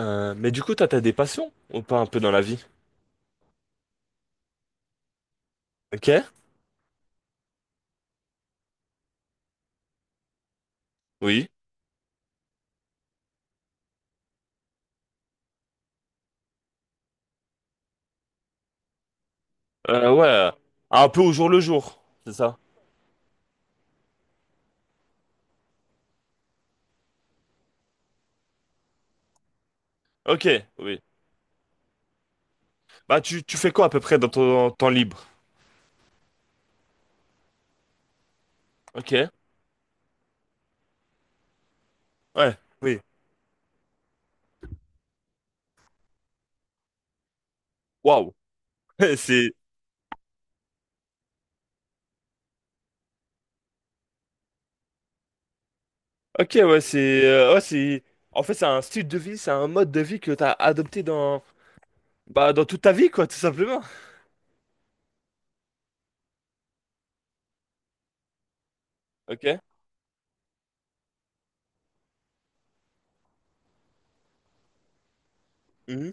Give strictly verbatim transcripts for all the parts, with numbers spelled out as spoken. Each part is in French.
Euh, mais du coup, toi, t'as des passions ou pas un peu dans la vie? Ok, oui. Euh, ouais, un peu au jour le jour, c'est ça? Ok, oui. Bah, tu, tu fais quoi à peu près dans ton temps libre? Ok, ouais, oui. Waouh, c'est. Ok, ouais, c'est. Euh, ouais, c'est. En fait, c'est un style de vie, c'est un mode de vie que t'as adopté dans. Bah, dans toute ta vie, quoi, tout simplement. Ok. Mhm.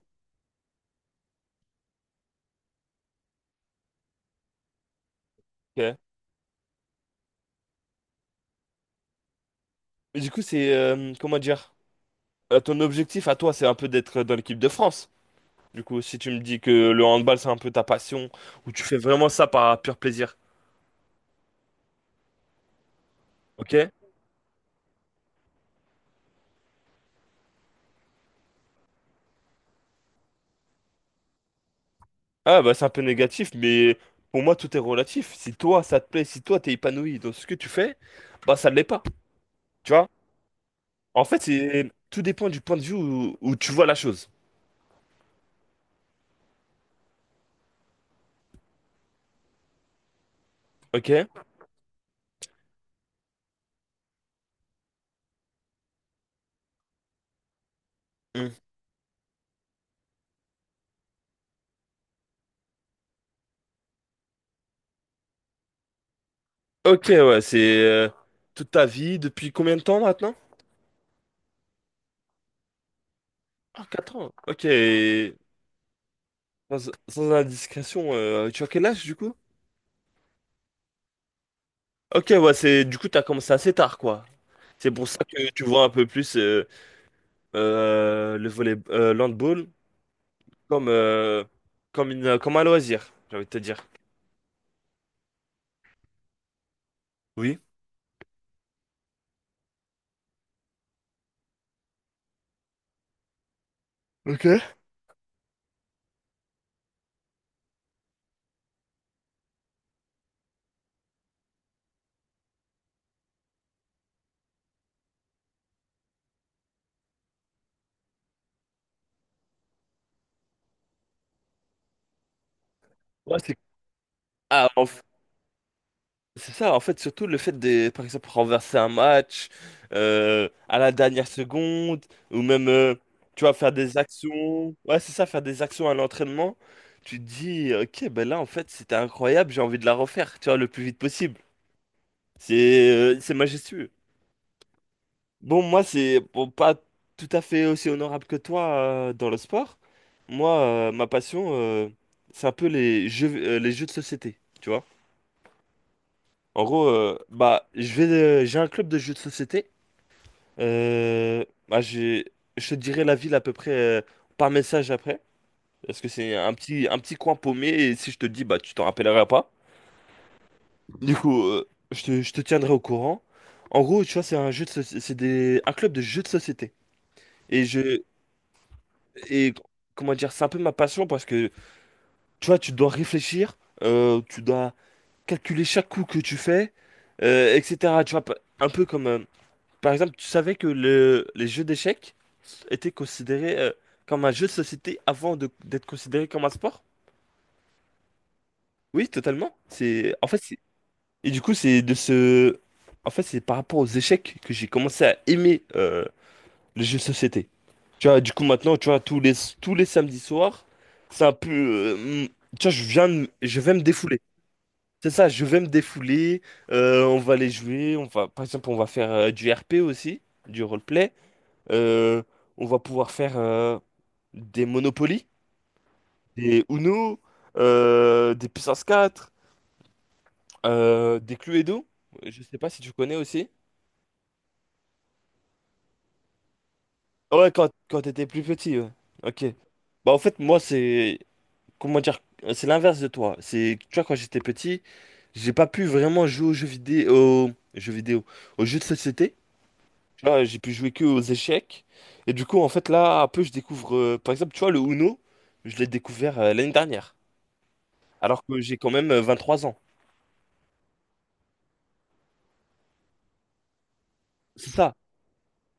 Ok. Mais du coup, c'est. Euh, comment dire? Euh, ton objectif à toi, c'est un peu d'être dans l'équipe de France. Du coup, si tu me dis que le handball, c'est un peu ta passion, ou tu fais vraiment ça par pur plaisir, ok? Ah, bah c'est un peu négatif, mais pour moi, tout est relatif. Si toi, ça te plaît, si toi, t'es épanoui dans ce que tu fais, bah ça ne l'est pas, tu vois? En fait, c'est tout dépend du point de vue où, où tu vois la chose, ok? Hmm. Ok, ouais, c'est euh, toute ta vie, depuis combien de temps maintenant? Ah, quatre ans, ok. et Sans, sans indiscrétion, euh, tu as quel âge, du coup? Ok, ouais, c'est du coup, t'as commencé assez tard, quoi. C'est pour ça que tu vois un peu plus euh, euh, le volley, euh, l'handball comme, euh, comme, une, comme un loisir, j'ai envie de te dire. Oui. Ok. Ouais, c'est ah, en f- c'est ça, en fait, surtout le fait de, par exemple, renverser un match euh, à la dernière seconde, ou même, euh, tu vois, faire des actions. Ouais, c'est ça, faire des actions à l'entraînement. Tu te dis, ok, ben là, en fait, c'était incroyable, j'ai envie de la refaire, tu vois, le plus vite possible. C'est euh, c'est majestueux. Bon, moi, c'est bon, pas tout à fait aussi honorable que toi euh, dans le sport. Moi, euh, ma passion, euh, c'est un peu les jeux, euh, les jeux de société, tu vois. En gros, euh, bah, je vais, euh, j'ai un club de jeux de société. Euh, bah, j'ai, je te dirai la ville à peu près euh, par message après, parce que c'est un petit, un petit coin paumé. Et si je te dis, bah, tu t'en rappelleras pas. Du coup, euh, je te, je te tiendrai au courant. En gros, tu vois, c'est un jeu de soci- c'est des, un club de jeux de société. Et je, Et comment dire, c'est un peu ma passion parce que tu vois, tu dois réfléchir, euh, tu dois calculer chaque coup que tu fais, euh, et cetera. Tu vois, pa- un peu comme euh, par exemple, tu savais que le- les jeux d'échecs étaient considérés euh, comme un jeu de société avant de- d'être considéré comme un sport? Oui, totalement. C'est en fait, c'est- et du coup, c'est de ce en fait, c'est par rapport aux échecs que j'ai commencé à aimer euh, les jeux de société. Tu vois, du coup, maintenant, tu vois, tous les, tous les samedis soirs, c'est un peu. Euh, hmm, tu vois, je viens, de- je vais me défouler. C'est ça, je vais me défouler. Euh, on va les jouer. On va, par exemple, on va faire euh, du R P aussi, du roleplay. Euh, on va pouvoir faire euh, des Monopoly, des Uno, euh, des Puissance quatre, euh, des Cluedo. Je sais pas si tu connais aussi. Ouais, quand, quand t'étais plus petit, ouais. Ok. Bah, en fait, moi, c'est. Comment dire, c'est l'inverse de toi. C'est, tu vois, quand j'étais petit, j'ai pas pu vraiment jouer aux jeux vidéo, aux jeux vidéo, aux jeux de société. Tu vois, j'ai pu jouer que aux échecs. Et du coup, en fait, là, un peu, je découvre, euh, par exemple, tu vois, le Uno, je l'ai découvert euh, l'année dernière, alors que j'ai quand même euh, vingt-trois ans. C'est ça,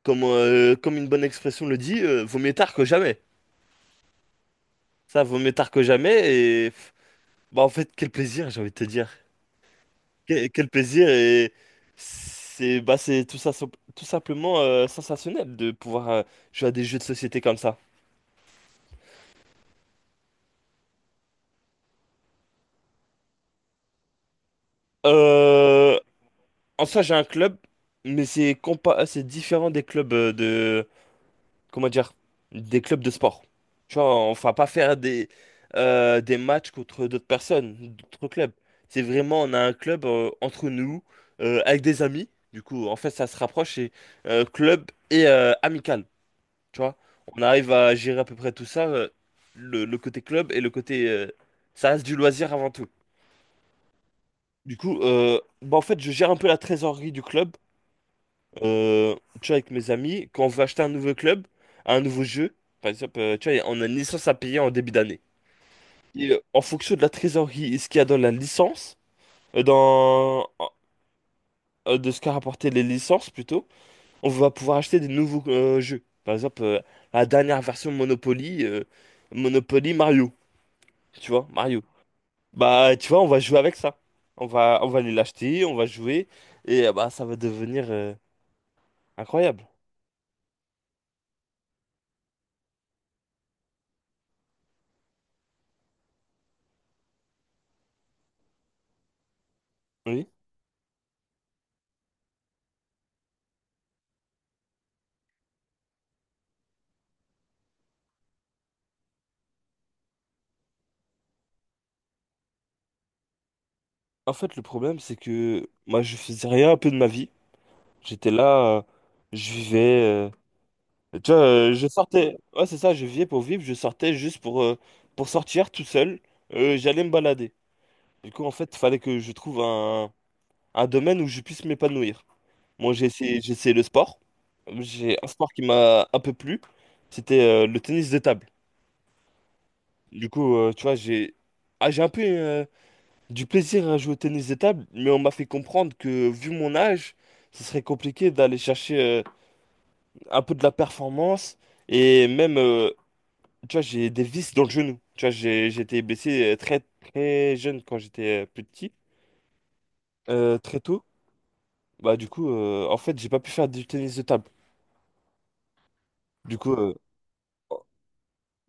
comme, euh, comme une bonne expression le dit, euh, vaut mieux tard que jamais. Ça, vaut mieux tard que jamais. Et pff, bah, en fait, quel plaisir, j'ai envie de te dire. Que- Quel plaisir et c'est bah c'est tout ça tout simplement euh, sensationnel de pouvoir euh, jouer à des jeux de société comme ça. Euh, En soi, j'ai un club, mais c'est compa c'est différent des clubs euh, de, comment dire, des clubs de sport. Tu vois, on va pas faire des euh, des matchs contre d'autres personnes, d'autres clubs. C'est vraiment on a un club euh, entre nous, euh, avec des amis. Du coup, en fait, ça se rapproche, c'est euh, club et euh, amical. Tu vois, on arrive à gérer à peu près tout ça, euh, le, le côté club et le côté... euh, ça reste du loisir avant tout. Du coup, euh, bah en fait, je gère un peu la trésorerie du club. Euh, Tu vois, avec mes amis, quand on veut acheter un nouveau club, un nouveau jeu, par exemple, euh, tu vois, on a une licence à payer en début d'année. Et euh, en fonction de la trésorerie et ce qu'il y a dans la licence, euh, dans, euh, de ce qu'a rapporté les licences plutôt, on va pouvoir acheter des nouveaux euh, jeux. Par exemple, euh, la dernière version Monopoly, euh, Monopoly Mario. Tu vois, Mario. Bah, tu vois, on va jouer avec ça. On va, on va aller l'acheter, on va jouer, et euh, bah, ça va devenir euh, incroyable. Oui. En fait, le problème, c'est que moi, je faisais rien un peu de ma vie. J'étais là, euh, je vivais. Euh, tu vois, euh, je sortais. Ouais, c'est ça, je vivais pour vivre, je sortais juste pour, euh, pour sortir tout seul. Euh, j'allais me balader. Du coup, en fait, il fallait que je trouve un, un domaine où je puisse m'épanouir. Moi, j'ai essayé, j'ai essayé le sport. J'ai un sport qui m'a un peu plu. C'était euh, le tennis de table. Du coup, euh, tu vois, j'ai ah, j'ai un peu euh, du plaisir à jouer au tennis de table, mais on m'a fait comprendre que, vu mon âge, ce serait compliqué d'aller chercher euh, un peu de la performance. Et même, euh, tu vois, j'ai des vis dans le genou. Tu vois, j'ai j'ai été blessé euh, très, très jeune quand j'étais euh, plus petit, euh, très tôt. Bah, du coup, euh, en fait, j'ai pas pu faire du tennis de table. Du coup, euh,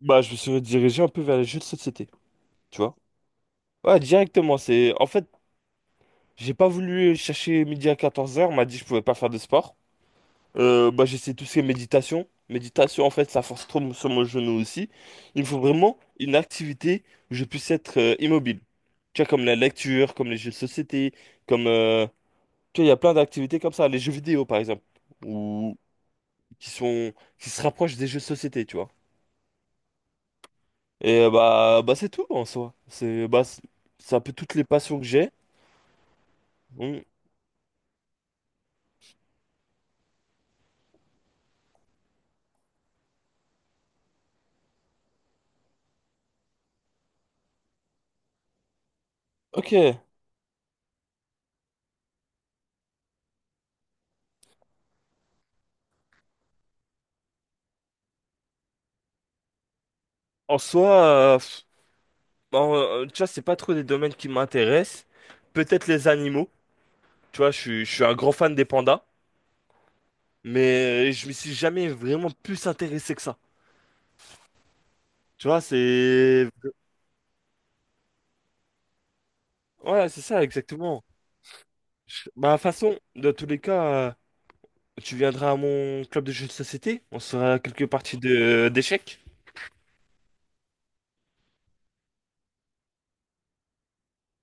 bah, je me suis redirigé un peu vers les jeux de société, tu vois. Ouais, directement, c'est... En fait, j'ai pas voulu chercher midi à quatorze heures. On m'a dit que je pouvais pas faire de sport. Euh, bah, j'essaie tout ce qui est méditation. Méditation, en fait, ça force trop sur mon genou aussi. Il me faut vraiment une activité où je puisse être euh, immobile. Tu vois, comme la lecture, comme les jeux de société, comme... euh, tu vois, il y a plein d'activités comme ça, les jeux vidéo, par exemple, ou qui sont... qui se rapprochent des jeux de société, tu vois. Et euh, bah, bah c'est tout en soi. C'est bah, c'est c'est un peu toutes les passions que j'ai. Mm. Ok. En soi, euh, pff, bon, euh, tu vois, c'est pas trop des domaines qui m'intéressent. Peut-être les animaux. Tu vois, je suis, je suis un grand fan des pandas, mais je me suis jamais vraiment plus intéressé que ça. Tu vois, c'est... ouais c'est ça, exactement. Je- Bah, de toute façon, dans tous les cas, euh, tu viendras à mon club de jeux de société. On se fera quelques parties de d'échecs.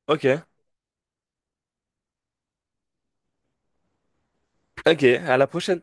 Ok. Ok, à la prochaine.